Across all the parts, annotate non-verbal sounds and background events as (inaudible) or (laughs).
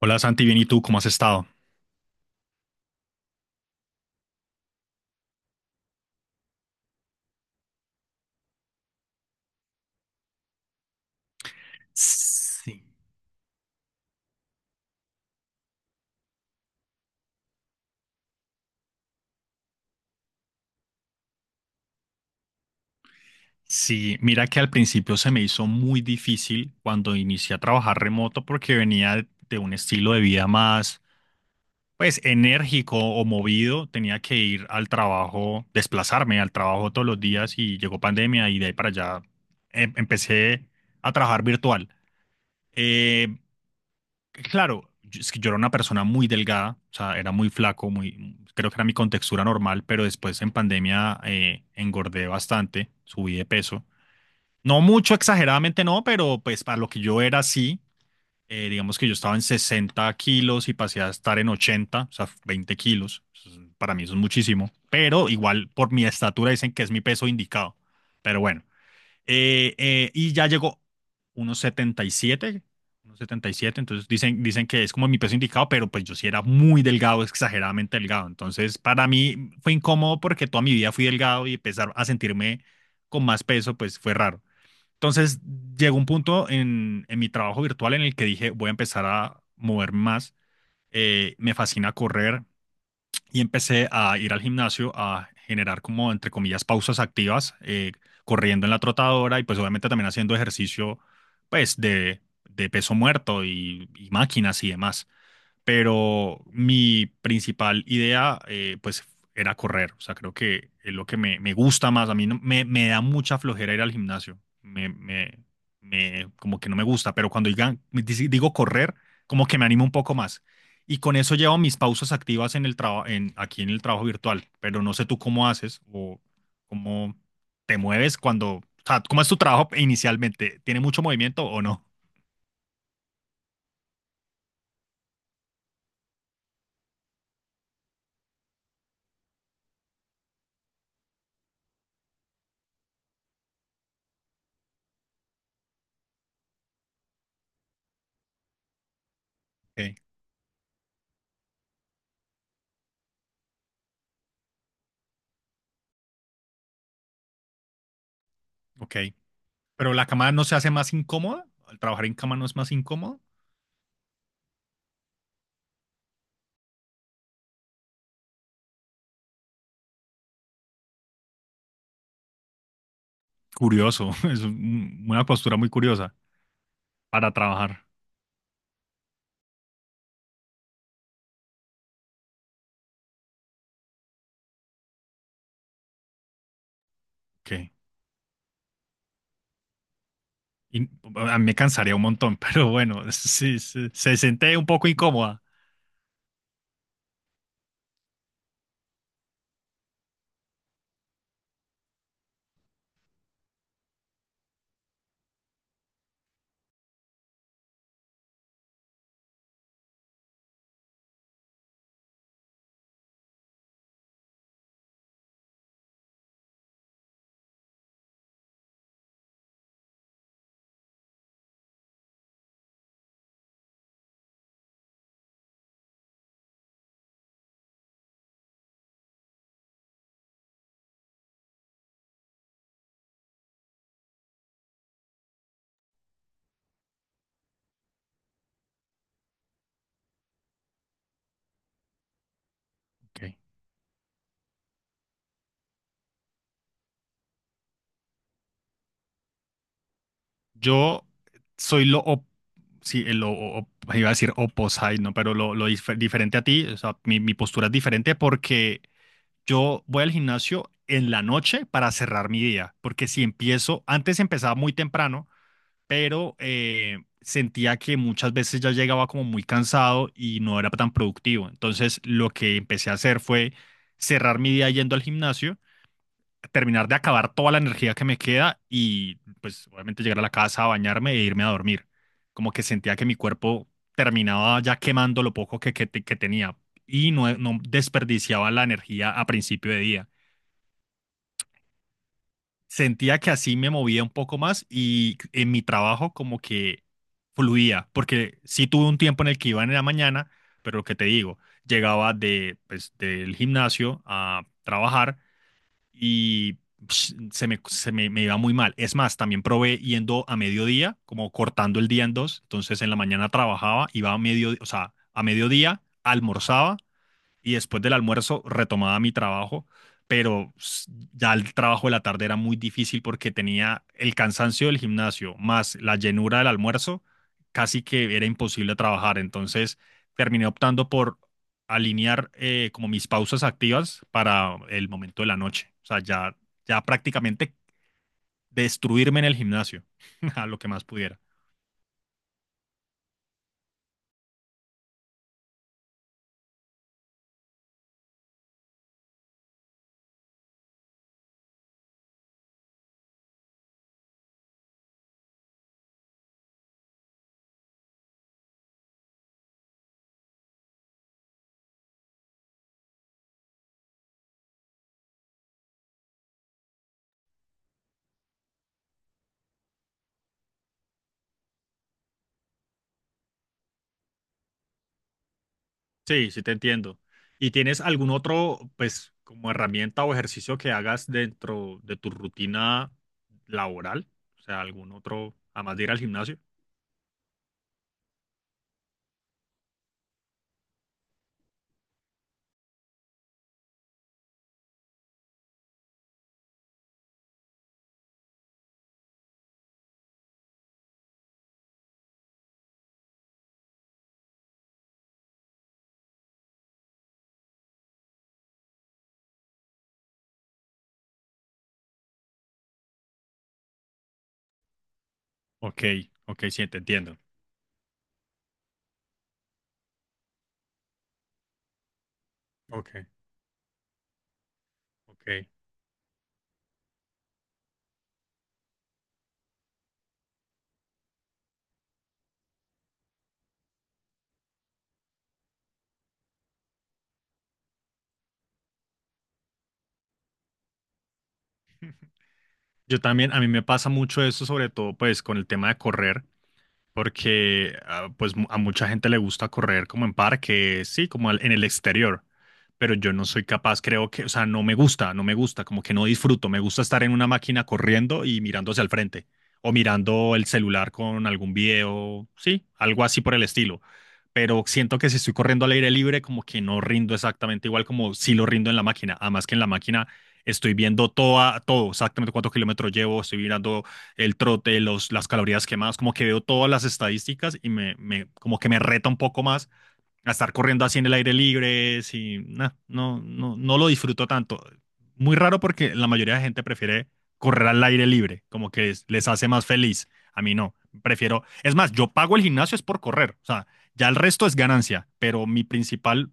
Hola Santi, bien, ¿y tú cómo has estado? Sí. Sí, mira que al principio se me hizo muy difícil cuando inicié a trabajar remoto porque venía de un estilo de vida más, pues, enérgico o movido. Tenía que ir al trabajo, desplazarme al trabajo todos los días y llegó pandemia y de ahí para allá empecé a trabajar virtual. Eh, Claro, es que yo era una persona muy delgada, o sea, era muy flaco, muy, creo que era mi contextura normal, pero después en pandemia engordé bastante, subí de peso. No mucho, exageradamente no, pero pues para lo que yo era sí, digamos que yo estaba en 60 kilos y pasé a estar en 80, o sea, 20 kilos. Para mí eso es muchísimo, pero igual por mi estatura dicen que es mi peso indicado. Pero bueno. Y ya llegó unos 77, unos 77 entonces dicen, dicen que es como mi peso indicado, pero pues yo sí era muy delgado, exageradamente delgado. Entonces para mí fue incómodo porque toda mi vida fui delgado y empezar a sentirme con más peso, pues fue raro. Entonces llegó un punto en mi trabajo virtual en el que dije, voy a empezar a moverme más. Me fascina correr, y empecé a ir al gimnasio a generar como, entre comillas, pausas activas, corriendo en la trotadora y pues obviamente también haciendo ejercicio, pues, de peso muerto y máquinas y demás. Pero mi principal idea, pues, era correr. O sea, creo que es lo que me gusta más. A mí no- me da mucha flojera ir al gimnasio. Como que no me gusta, pero digo correr, como que me animo un poco más. Y con eso llevo mis pausas activas en el aquí en el trabajo virtual, pero no sé tú cómo haces o cómo te mueves cuando, o sea, ¿cómo es tu trabajo inicialmente? ¿Tiene mucho movimiento o no? Ok, ok. Pero la cama no se hace más incómoda, ¿al trabajar en cama no es más incómodo? Curioso, (laughs) una postura muy curiosa para trabajar. Ok. Y, a mí me cansaría un montón, (laughs) pero bueno, sí, sí, se siente un poco incómoda. Ok. Yo soy sí, iba a decir opposite, ¿no? Pero diferente a ti, o sea, mi postura es diferente porque yo voy al gimnasio en la noche para cerrar mi día, porque si empiezo, antes empezaba muy temprano, pero sentía que muchas veces ya llegaba como muy cansado y no era tan productivo. Entonces, lo que empecé a hacer fue cerrar mi día yendo al gimnasio terminar de acabar toda la energía que me queda y pues obviamente llegar a la casa, bañarme e irme a dormir. Como que sentía que mi cuerpo terminaba ya quemando lo poco que tenía y no, no desperdiciaba la energía a principio de día. Sentía que así me movía un poco más y en mi trabajo como que fluía, porque sí tuve un tiempo en el que iba en la mañana, pero lo que te digo, llegaba de, pues, del gimnasio a trabajar y psh, me iba muy mal. Es más, también probé yendo a mediodía, como cortando el día en dos. Entonces en la mañana trabajaba, iba a mediodía, o sea, a mediodía, almorzaba y después del almuerzo retomaba mi trabajo, pero ya el trabajo de la tarde era muy difícil porque tenía el cansancio del gimnasio más la llenura del almuerzo, casi que era imposible trabajar. Entonces terminé optando por alinear como mis pausas activas para el momento de la noche. O sea, ya, ya prácticamente destruirme en el gimnasio (laughs) a lo que más pudiera. Sí, sí te entiendo. ¿Y tienes algún otro, pues, como herramienta o ejercicio que hagas dentro de tu rutina laboral? O sea, algún otro, además de ir al gimnasio. Ok, ok, sí, te entiendo. Ok, ok. Yo también, a mí me pasa mucho eso, sobre todo, pues, con el tema de correr. Porque pues a mucha gente le gusta correr como en parques, sí, en el exterior, pero yo no soy capaz, creo que, o sea, no me gusta, no me gusta, como que no disfruto, me gusta estar en una máquina corriendo y mirando hacia el frente o mirando el celular con algún video, sí, algo así por el estilo. Pero siento que si estoy corriendo al aire libre, como que no rindo exactamente igual como si lo rindo en la máquina. Además que en la máquina estoy viendo toda, todo, exactamente cuántos kilómetros llevo, estoy mirando el trote, las calorías quemadas, como que veo todas las estadísticas y me como que me reta un poco más a estar corriendo así en el aire libre, si nah, no, no, no lo disfruto tanto. Muy raro porque la mayoría de gente prefiere correr al aire libre, como que les hace más feliz. A mí no, prefiero, es más, yo pago el gimnasio es por correr, o sea, ya el resto es ganancia, pero mi principal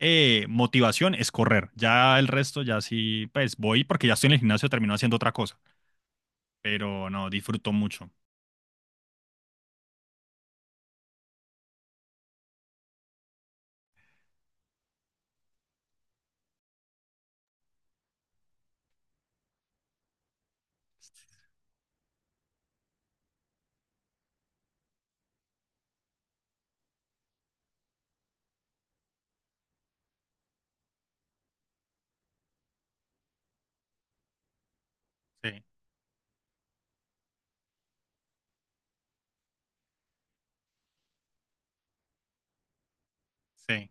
motivación es correr. Ya el resto, ya sí, pues voy porque ya estoy en el gimnasio, termino haciendo otra cosa, pero no, disfruto mucho. Sí, sí.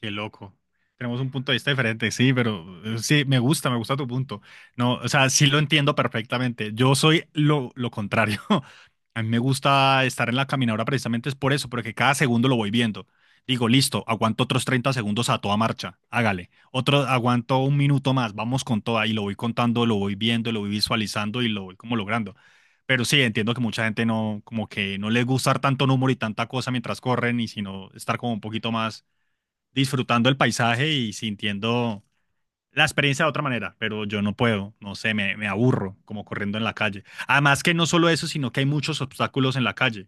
Qué loco. Tenemos un punto de vista diferente, sí, pero sí, me gusta tu punto. No, o sea, sí lo entiendo perfectamente. Yo soy lo contrario. (laughs) A mí me gusta estar en la caminadora precisamente es por eso, porque cada segundo lo voy viendo. Digo, listo, aguanto otros 30 segundos a toda marcha, hágale. Otro, aguanto un minuto más, vamos con toda y lo voy contando, lo voy viendo, lo voy visualizando y lo voy como logrando. Pero sí, entiendo que mucha gente no, como que no le gusta tanto número y tanta cosa mientras corren y sino estar como un poquito más disfrutando el paisaje y sintiendo la experiencia de otra manera, pero yo no puedo, no sé, me aburro como corriendo en la calle. Además que no solo eso, sino que hay muchos obstáculos en la calle.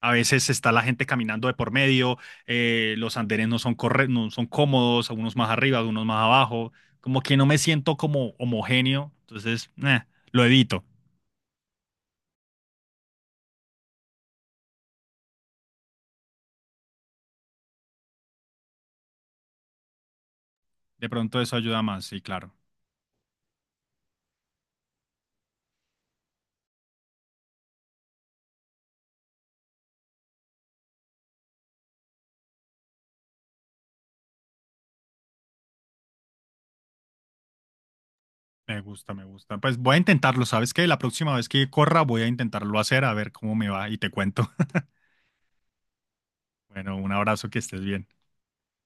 A veces está la gente caminando de por medio, los andenes no son, corre no son cómodos, algunos más arriba, algunos más abajo, como que no me siento como homogéneo, entonces lo evito. De pronto eso ayuda más, sí, claro. Me gusta, me gusta. Pues voy a intentarlo, ¿sabes qué? La próxima vez que corra voy a intentarlo hacer, a ver cómo me va y te cuento. Bueno, un abrazo, que estés bien.